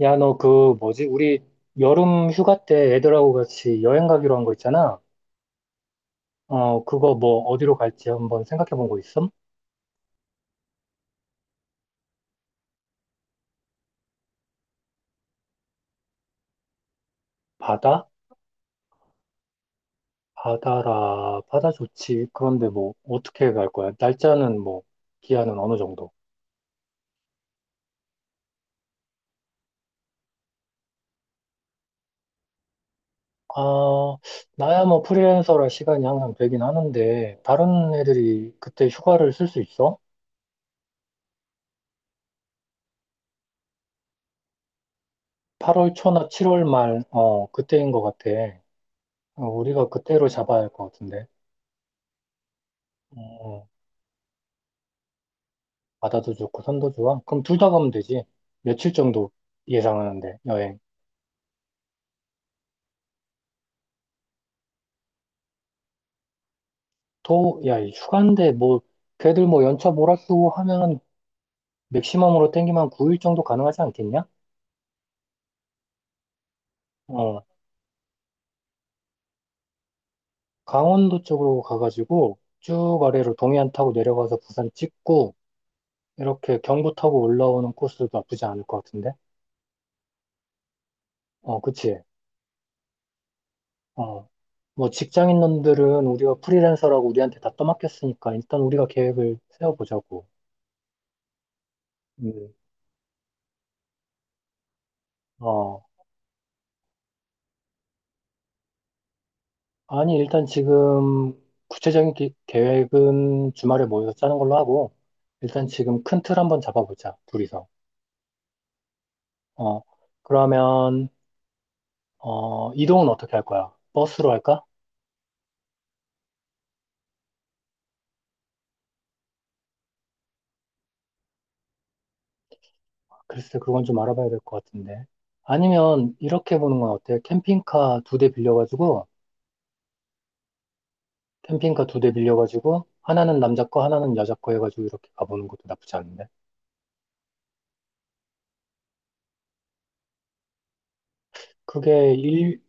야, 너 그 뭐지? 우리 여름 휴가 때 애들하고 같이 여행 가기로 한 거 있잖아. 어, 그거 뭐 어디로 갈지 한번 생각해 본 거 있음? 바다? 바다라, 바다 좋지. 그런데 뭐 어떻게 갈 거야? 날짜는 뭐 기한은 어느 정도? 아, 나야 뭐 프리랜서라 시간이 항상 되긴 하는데 다른 애들이 그때 휴가를 쓸 수 있어? 8월 초나 7월 말, 그때인 것 같아. 어, 우리가 그때로 잡아야 할 것 같은데. 어, 바다도 좋고 산도 좋아? 그럼 둘 다 가면 되지. 며칠 정도 예상하는데 여행. 야, 이 휴가인데 뭐 걔들 뭐 연차 몰아쓰고 하면은 맥시멈으로 땡기면 9일 정도 가능하지 않겠냐? 어, 강원도 쪽으로 가가지고 쭉 아래로 동해안 타고 내려가서 부산 찍고 이렇게 경부 타고 올라오는 코스도 나쁘지 않을 것 같은데? 어, 그치? 어, 뭐 직장인 놈들은 우리가 프리랜서라고 우리한테 다 떠맡겼으니까 일단 우리가 계획을 세워보자고. 음. 어. 아니, 일단 지금 구체적인 계획은 주말에 모여서 짜는 걸로 하고, 일단 지금 큰 틀 한번 잡아보자, 둘이서. 어, 그러면, 이동은 어떻게 할 거야? 버스로 할까? 글쎄, 그건 좀 알아봐야 될 것 같은데. 아니면, 이렇게 보는 건 어때? 캠핑카 두 대 빌려가지고, 하나는 남자 거, 하나는 여자 거 해가지고 이렇게 가보는 것도 나쁘지 않은데. 그게 일,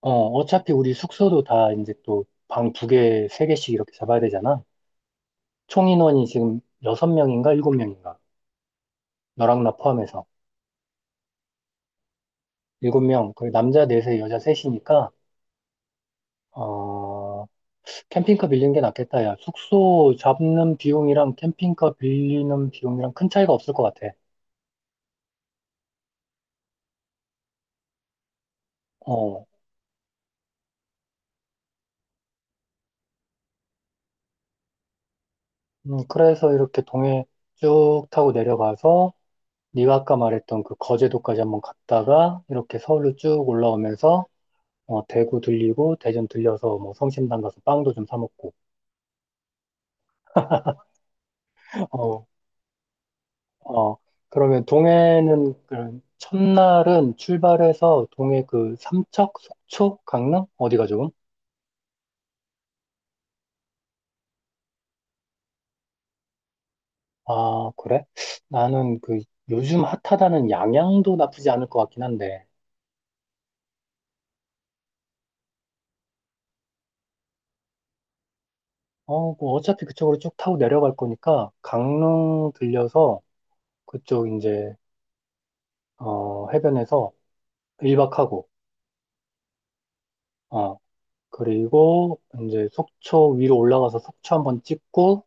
어차피 우리 숙소도 다 이제 또 방 두 개, 세 개씩 이렇게 잡아야 되잖아. 총 인원이 지금 6명인가 7명인가? 너랑 나 포함해서 7명. 그 남자 넷에 여자 셋이니까 어, 캠핑카 빌리는 게 낫겠다. 야, 숙소 잡는 비용이랑 캠핑카 빌리는 비용이랑 큰 차이가 없을 것 같아. 어. 그래서 이렇게 동해 쭉 타고 내려가서 네가 아까 말했던 그 거제도까지 한번 갔다가 이렇게 서울로 쭉 올라오면서 어, 대구 들리고 대전 들려서 뭐 성심당 가서 빵도 좀 사 먹고 어, 어, 그러면 동해는 그 첫날은 출발해서 동해 그 삼척, 속초, 강릉 어디가 좋음? 아, 그래? 나는 그 요즘 핫하다는 양양도 나쁘지 않을 것 같긴 한데. 어, 뭐 어차피 그쪽으로 쭉 타고 내려갈 거니까 강릉 들려서 그쪽 이제 해변에서 일박하고 어, 그리고 이제 속초 위로 올라가서 속초 한번 찍고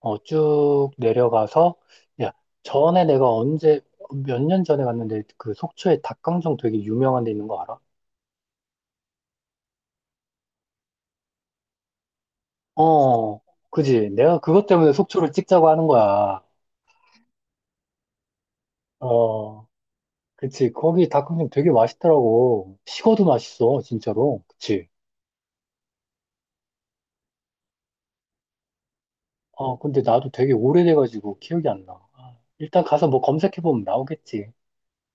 어, 쭉 내려가서, 야, 전에 내가 언제, 몇 년 전에 갔는데 그 속초에 닭강정 되게 유명한 데 있는 거 알아? 어, 그지. 내가 그것 때문에 속초를 찍자고 하는 거야. 어, 그치. 거기 닭강정 되게 맛있더라고. 식어도 맛있어, 진짜로. 그치. 어, 근데 나도 되게 오래돼가지고 기억이 안 나. 아, 일단 가서 뭐 검색해보면 나오겠지.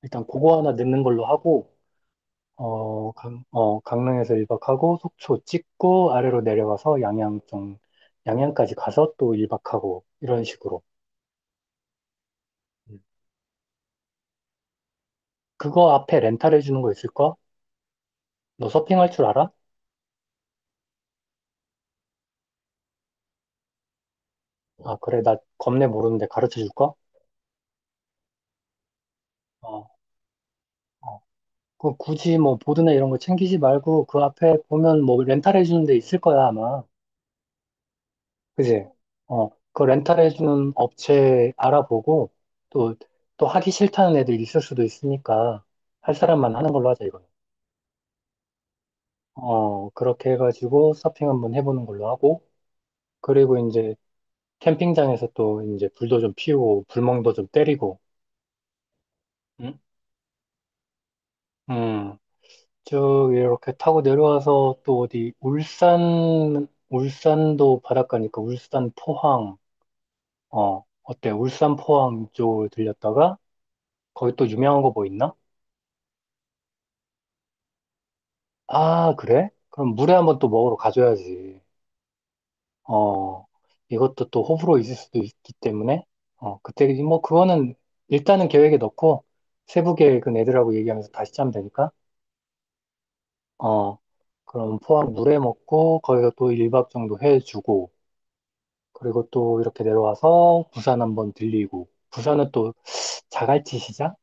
일단 그거 하나 넣는 걸로 하고, 강릉에서 1박하고 속초 찍고 아래로 내려와서 양양 좀, 양양까지 가서 또 1박하고 이런 식으로. 음. 그거 앞에 렌탈해 주는 거 있을까? 너 서핑할 줄 알아? 아, 어, 그래. 나 겁내 모르는데 가르쳐 줄까? 어, 어. 그 굳이 뭐 보드나 이런 거 챙기지 말고 그 앞에 보면 뭐 렌탈해 주는 데 있을 거야, 아마. 그지? 어, 그 렌탈해 주는 업체 알아보고 또, 또 하기 싫다는 애들 있을 수도 있으니까 할 사람만 하는 걸로 하자, 이거. 어, 그렇게 해가지고 서핑 한번 해보는 걸로 하고, 그리고 이제 캠핑장에서 또 이제 불도 좀 피우고, 불멍도 좀 때리고, 응? 음, 쭉 이렇게 타고 내려와서 또 어디, 울산, 울산도 바닷가니까 울산 포항, 어, 어때? 울산 포항 쪽을 들렸다가, 거기 또 유명한 거 뭐 있나? 아, 그래? 그럼 물회 한번 또 먹으러 가줘야지. 어, 이것도 또 호불호 있을 수도 있기 때문에, 어, 그때, 뭐, 그거는 일단은 계획에 넣고, 세부 계획은 애들하고 얘기하면서 다시 짜면 되니까, 어, 그럼 포항 물회 먹고, 거기서 또 1박 정도 해주고, 그리고 또 이렇게 내려와서 부산 한번 들리고, 부산은 또 자갈치 시장?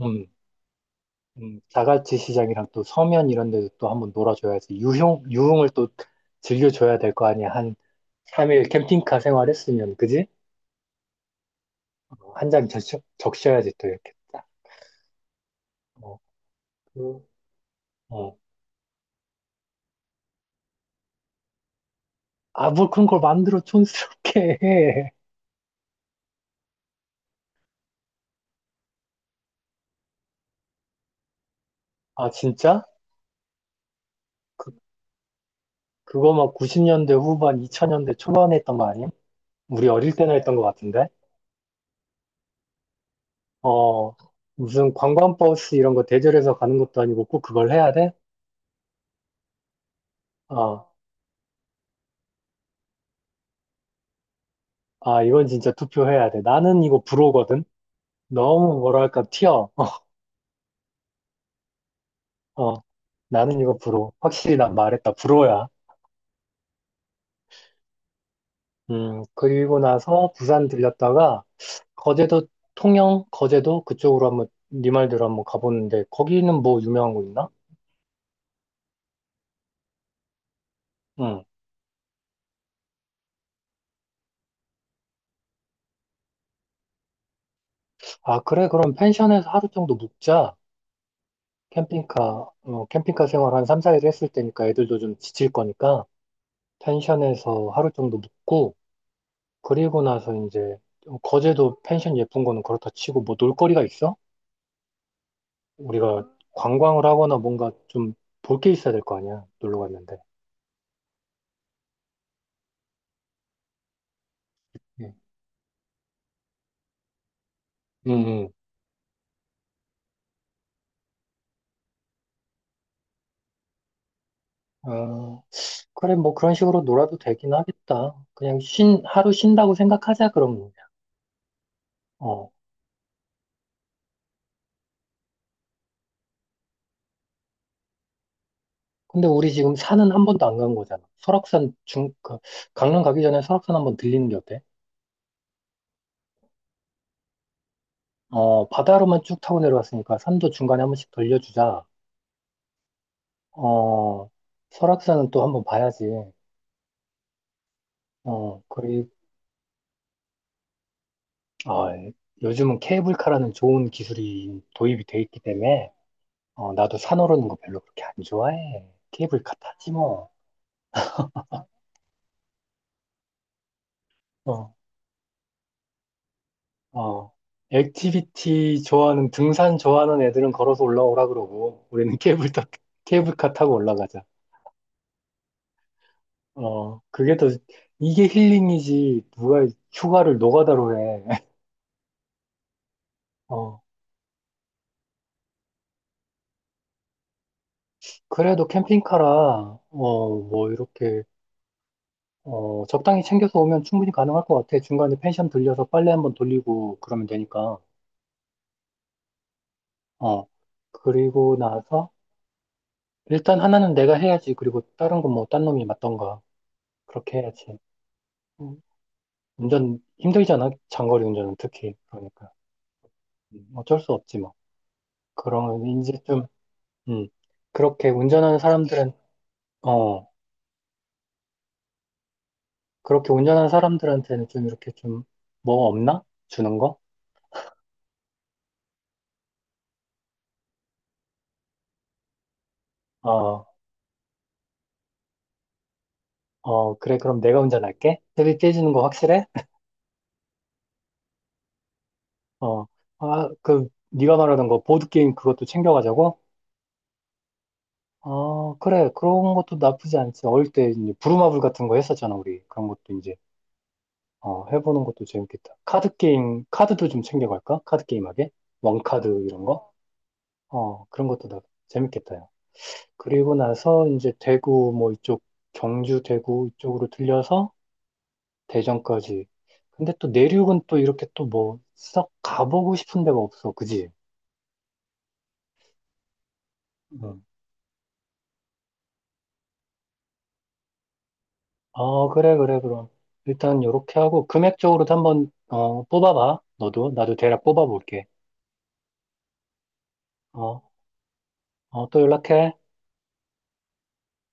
음, 자갈치 시장이랑 또 서면 이런 데도 또 한번 놀아줘야지. 유흥을 또 즐겨줘야 될 거 아니야. 한 3일 캠핑카 생활했으면, 그지? 한 장 적셔야지 또 이렇게 딱. 어, 그, 어. 아, 뭐 그런 걸 만들어 촌스럽게 해. 아, 진짜? 그, 그거 막 90년대 후반, 2000년대 초반에 했던 거 아니야? 우리 어릴 때나 했던 거 같은데? 어, 무슨 관광버스 이런 거 대절해서 가는 것도 아니고 꼭 그걸 해야 돼? 어, 아, 이건 진짜 투표해야 돼. 나는 이거 불호거든? 너무 뭐랄까, 튀어. 어, 나는 이거 불호. 확실히 난 말했다. 불호야. 그리고 나서 부산 들렸다가 거제도 통영 거제도 그쪽으로 한번 네 말대로 한번 가보는데 거기는 뭐 유명한 거 있나? 응. 아, 그래, 그럼 펜션에서 하루 정도 묵자. 캠핑카 생활 한 3, 4일 했을 때니까 애들도 좀 지칠 거니까 펜션에서 하루 정도 묵고 그리고 나서 이제 거제도 펜션 예쁜 거는 그렇다 치고 뭐 놀거리가 있어? 우리가 관광을 하거나 뭔가 좀 볼 게 있어야 될 거 아니야 놀러 갔는데. 응. 응. 응. 그래, 뭐 그런 식으로 놀아도 되긴 하겠다. 그냥 하루 쉰다고 생각하자, 그러면. 그냥. 어. 근데 우리 지금 산은 한 번도 안 간 거잖아. 강릉 가기 전에 설악산 한번 들리는 게 어때? 어, 바다로만 쭉 타고 내려왔으니까 산도 중간에 한 번씩 돌려주자. 어, 설악산은 또 한번 봐야지. 어, 그리고, 아, 요즘은 케이블카라는 좋은 기술이 도입이 돼 있기 때문에, 어, 나도 산 오르는 거 별로 그렇게 안 좋아해. 케이블카 타지 뭐. 어, 어, 액티비티 좋아하는, 등산 좋아하는 애들은 걸어서 올라오라 그러고, 우리는 케이블카 타고 올라가자. 어, 이게 힐링이지, 누가 휴가를 노가다로 해. 어, 그래도 캠핑카라, 뭐, 이렇게, 적당히 챙겨서 오면 충분히 가능할 것 같아. 중간에 펜션 들려서 빨래 한번 돌리고 그러면 되니까. 어, 그리고 나서, 일단 하나는 내가 해야지. 그리고 다른 건 뭐, 딴 놈이 맞던가. 그렇게 해야지. 음. 운전 힘들잖아. 장거리 운전은 특히. 그러니까. 음. 어쩔 수 없지 뭐. 그러면 이제 좀, 음, 그렇게 운전하는 사람들은, 어, 그렇게 운전하는 사람들한테는 좀 이렇게 좀 뭐 없나? 주는 거? 어, 그래. 그럼 내가 운전할게. 스비 깨지는 거 확실해? 어, 아, 네가 말하던 거 보드게임 그것도 챙겨가자고? 어, 그래. 그런 것도 나쁘지 않지. 어릴 때 이제 부루마블 같은 거 했었잖아, 우리. 그런 것도 이제 해보는 것도 재밌겠다. 카드 게임, 카드도 좀 챙겨갈까? 카드 게임하게? 원카드 이런 거? 그런 것도 나 재밌겠다. 요 그리고 나서 이제 대구 뭐 이쪽, 경주, 대구 이쪽으로 들려서 대전까지. 근데 또 내륙은 또 이렇게 또 뭐 썩 가보고 싶은 데가 없어. 그지? 응. 어, 그래, 그래, 그럼. 일단 요렇게 하고 금액적으로도 한번, 뽑아봐. 너도. 나도 대략 뽑아볼게. 어, 어, 또 연락해.